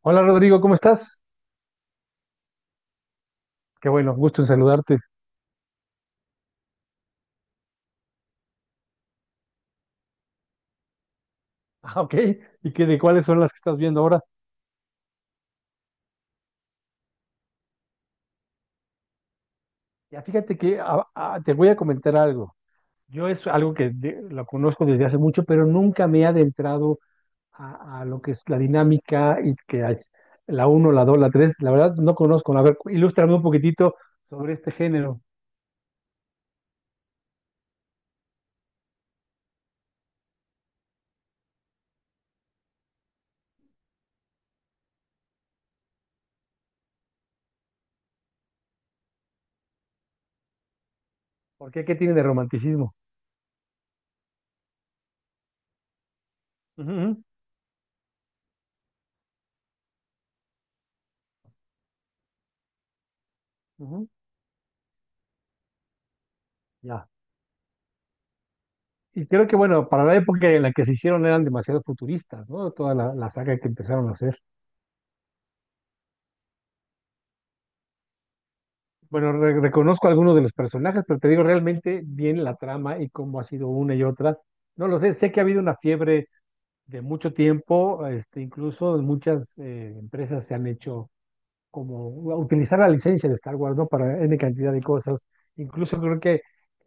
Hola Rodrigo, ¿cómo estás? Qué bueno, gusto en saludarte. Ah, ok. ¿Y qué de cuáles son las que estás viendo ahora? Ya fíjate que te voy a comentar algo. Yo es algo que lo conozco desde hace mucho, pero nunca me he adentrado a lo que es la dinámica y que es la uno, la 2, la 3. La verdad no conozco. A ver, ilústrame un poquitito sobre este género. ¿Por qué? ¿Qué tiene de romanticismo? Ujú, ujú, ya. Y creo que, bueno, para la época en la que se hicieron eran demasiado futuristas, ¿no? Toda la saga que empezaron a hacer. Bueno, reconozco algunos de los personajes, pero te digo realmente bien la trama y cómo ha sido una y otra. No lo sé, sé que ha habido una fiebre de mucho tiempo, este, incluso muchas empresas se han hecho como utilizar la licencia de Star Wars, ¿no? Para N cantidad de cosas. Incluso creo que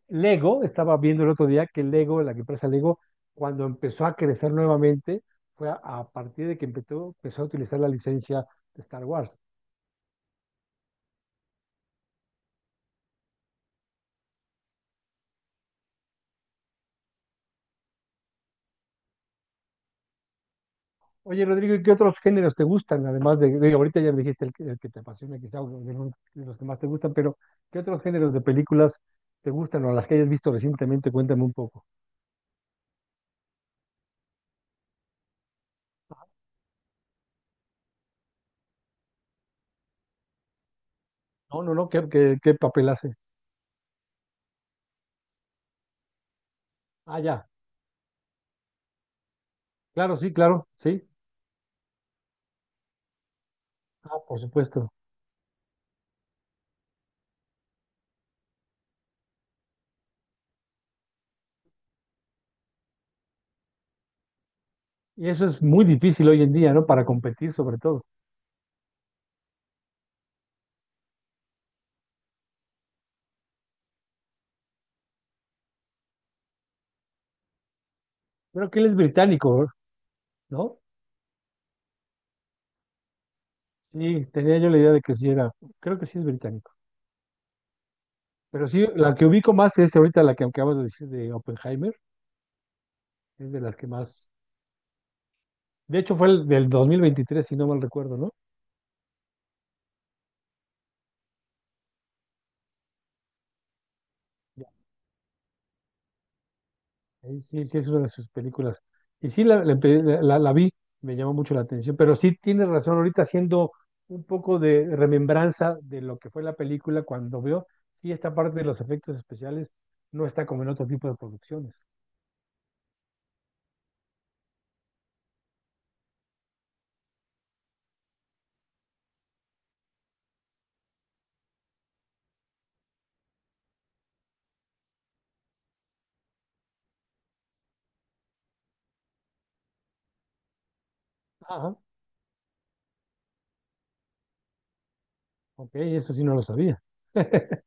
Lego, estaba viendo el otro día que Lego, la empresa Lego, cuando empezó a crecer nuevamente, fue a partir de que empezó a utilizar la licencia de Star Wars. Oye, Rodrigo, ¿y qué otros géneros te gustan? Además ahorita ya me dijiste el que te apasiona, quizá o de los que más te gustan, pero ¿qué otros géneros de películas te gustan o las que hayas visto recientemente? Cuéntame un poco. No, no, no, ¿qué papel hace? Ah, ya, claro, sí, claro, sí. Ah, por supuesto. Y eso es muy difícil hoy en día, ¿no? Para competir sobre todo. Creo que él es británico, ¿no? Sí, tenía yo la idea de que sí era, creo que sí es británico. Pero sí, la que ubico más es ahorita la que acabas de decir de Oppenheimer, es de las que más. De hecho, fue el del 2023 si no mal recuerdo, ¿no? Ya. Ahí sí, sí, es una de sus películas. Y sí, la vi, me llamó mucho la atención, pero sí tienes razón, ahorita haciendo un poco de remembranza de lo que fue la película cuando veo, sí, esta parte de los efectos especiales no está como en otro tipo de producciones. Ajá, ok, eso sí no lo sabía.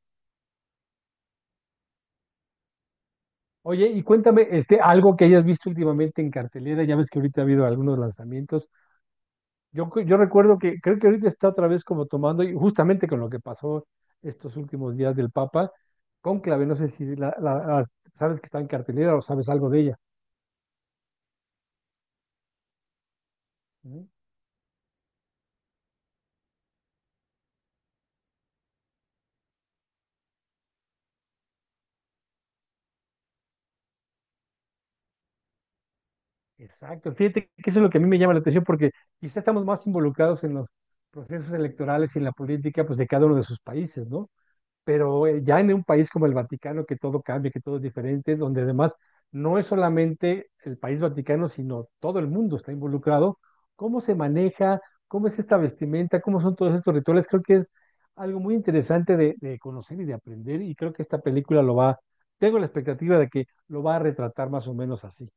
Oye, y cuéntame, este, algo que hayas visto últimamente en cartelera, ya ves que ahorita ha habido algunos lanzamientos. Yo, cu- yo recuerdo que creo que ahorita está otra vez como tomando, y justamente con lo que pasó estos últimos días del Papa, cónclave, no sé si sabes que está en cartelera o sabes algo de ella. Ujú. Exacto, fíjate que eso es lo que a mí me llama la atención porque quizá estamos más involucrados en los procesos electorales y en la política pues de cada uno de sus países, ¿no? Pero ya en un país como el Vaticano, que todo cambia, que todo es diferente, donde además no es solamente el país Vaticano, sino todo el mundo está involucrado, ¿cómo se maneja? ¿Cómo es esta vestimenta? ¿Cómo son todos estos rituales? Creo que es algo muy interesante de conocer y de aprender y creo que esta película lo va, tengo la expectativa de que lo va a retratar más o menos así.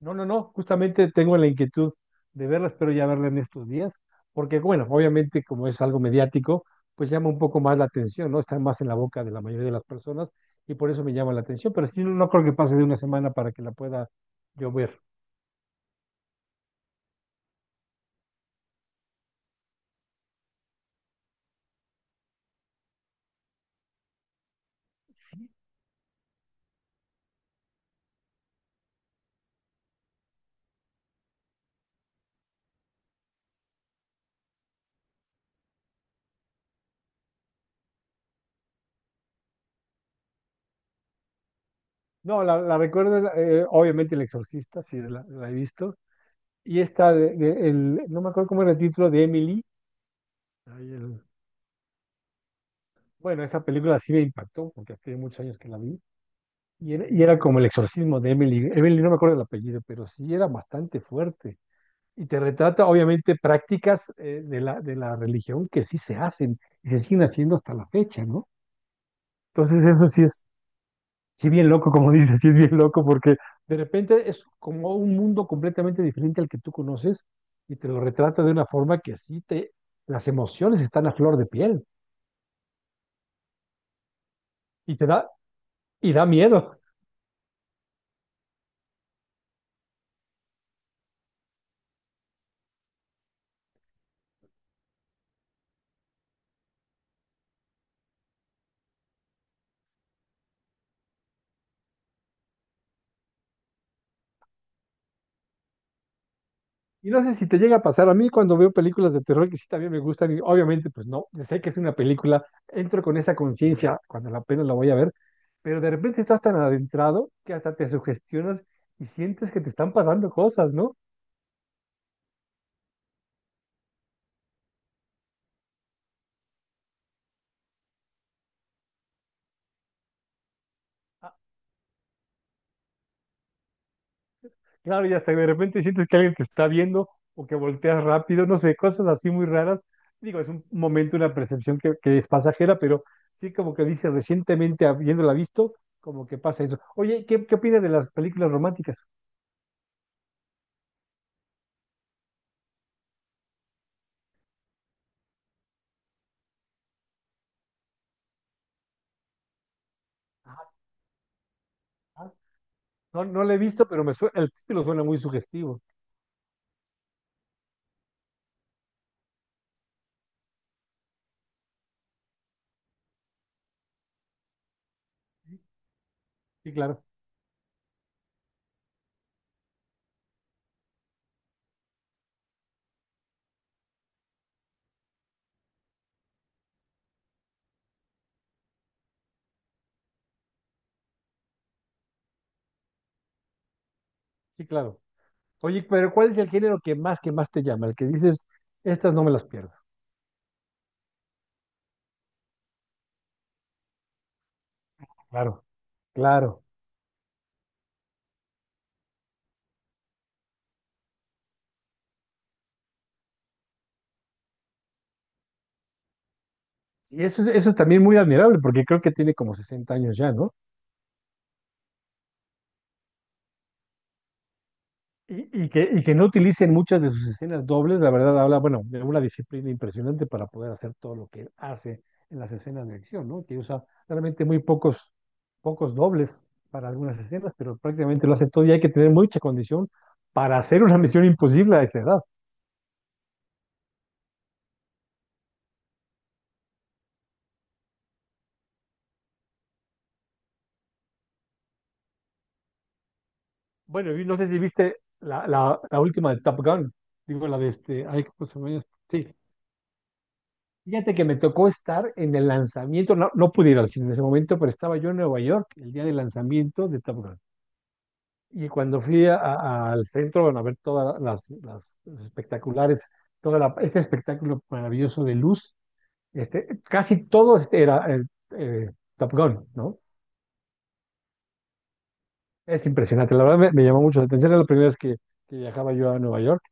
No, no, no, justamente tengo la inquietud de verlas, pero ya verla en estos días, porque bueno, obviamente como es algo mediático, pues llama un poco más la atención, ¿no? Está más en la boca de la mayoría de las personas y por eso me llama la atención, pero sí, no, no creo que pase de una semana para que la pueda yo ver. No, la recuerdo, obviamente El Exorcista, sí, la he visto, y esta, de- el, no me acuerdo cómo era el título, de Emily. Ay, el- bueno, esa película sí me impactó, porque hace muchos años que la vi. Y era como el exorcismo de Emily. Emily, no me acuerdo el apellido, pero sí era bastante fuerte. Y te retrata, obviamente, prácticas de la religión que sí se hacen y se siguen haciendo hasta la fecha, ¿no? Entonces eso sí es, sí bien loco, como dices, sí es bien loco, porque de repente es como un mundo completamente diferente al que tú conoces y te lo retrata de una forma que sí te, las emociones están a flor de piel y te da, y da miedo. Y no sé si te llega a pasar, a mí cuando veo películas de terror que sí también me gustan, y obviamente pues no, sé que es una película, entro con esa conciencia cuando la apenas la voy a ver, pero de repente estás tan adentrado que hasta te sugestionas y sientes que te están pasando cosas, ¿no? Ah, claro, y hasta de repente sientes que alguien te está viendo o que volteas rápido, no sé, cosas así muy raras. Digo, es un momento, una percepción que es pasajera, pero sí como que dice recientemente habiéndola visto, como que pasa eso. Oye, ¿qué, qué opinas de las películas románticas? No, no la he visto, pero me suena, el título suena muy sugestivo. Sí, claro, sí, claro. Oye, pero ¿cuál es el género que más te llama? El que dices, estas no me las pierdo. Claro, claro. Y eso es también muy admirable, porque creo que tiene como 60 años ya, ¿no? Y que no utilicen muchas de sus escenas dobles, la verdad habla, bueno, de una disciplina impresionante para poder hacer todo lo que hace en las escenas de acción, ¿no? Que usa realmente muy pocos, pocos dobles para algunas escenas, pero prácticamente lo hace todo y hay que tener mucha condición para hacer una misión imposible a esa edad. Bueno, y no sé si viste la última de Top Gun, digo la de este, ay, ¿cómo se llama? Sí. Fíjate que me tocó estar en el lanzamiento, no, no pude ir al cine en ese momento, pero estaba yo en Nueva York el día del lanzamiento de Top Gun. Y cuando fui al centro, bueno, a ver todas los espectaculares, todo este espectáculo maravilloso de luz, este, casi todo este era eh, Top Gun, ¿no? Es impresionante, la verdad me, me llamó mucho la atención, era la primera vez que viajaba yo a Nueva York.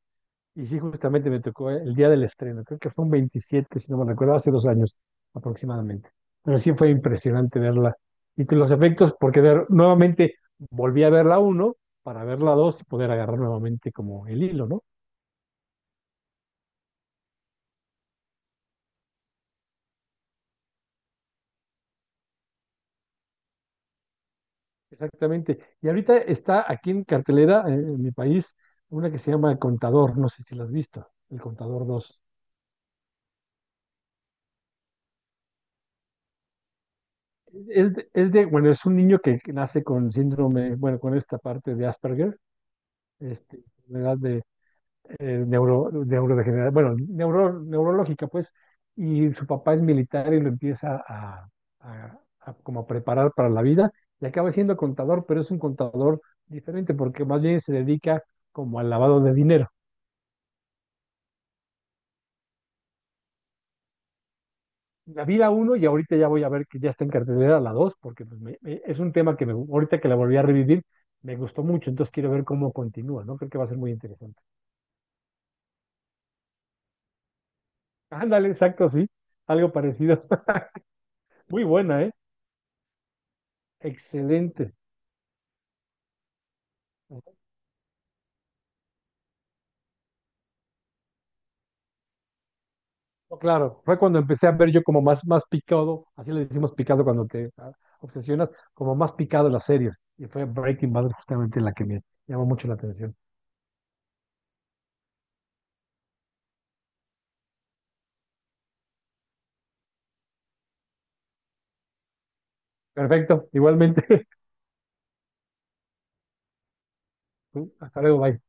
Y sí, justamente me tocó el día del estreno, creo que fue un 27 si no me recuerdo, hace 2 años aproximadamente. Pero sí fue impresionante verla. Y que los efectos, porque nuevamente volví a ver la 1 para ver la 2 y poder agarrar nuevamente como el hilo, ¿no? Exactamente. Y ahorita está aquí en cartelera, en mi país, una que se llama Contador, no sé si la has visto, el Contador dos. Es bueno, es un niño que nace con síndrome, bueno, con esta parte de Asperger, este, enfermedad de neurodegenerada, bueno, neurológica, pues, y su papá es militar y lo empieza a, a- a como a preparar para la vida y acaba siendo contador, pero es un contador diferente porque más bien se dedica como al lavado de dinero. La vi la 1 y ahorita ya voy a ver que ya está en cartelera la 2 porque pues, es un tema que me, ahorita que la volví a revivir me gustó mucho, entonces quiero ver cómo continúa, ¿no? Creo que va a ser muy interesante. Ándale, exacto, sí, algo parecido. Muy buena, ¿eh? Excelente. No, claro, fue cuando empecé a ver yo como más, más picado, así le decimos picado cuando te ah, obsesionas, como más picado las series. Y fue Breaking Bad justamente la que me llamó mucho la atención. Perfecto, igualmente. Hasta luego, bye.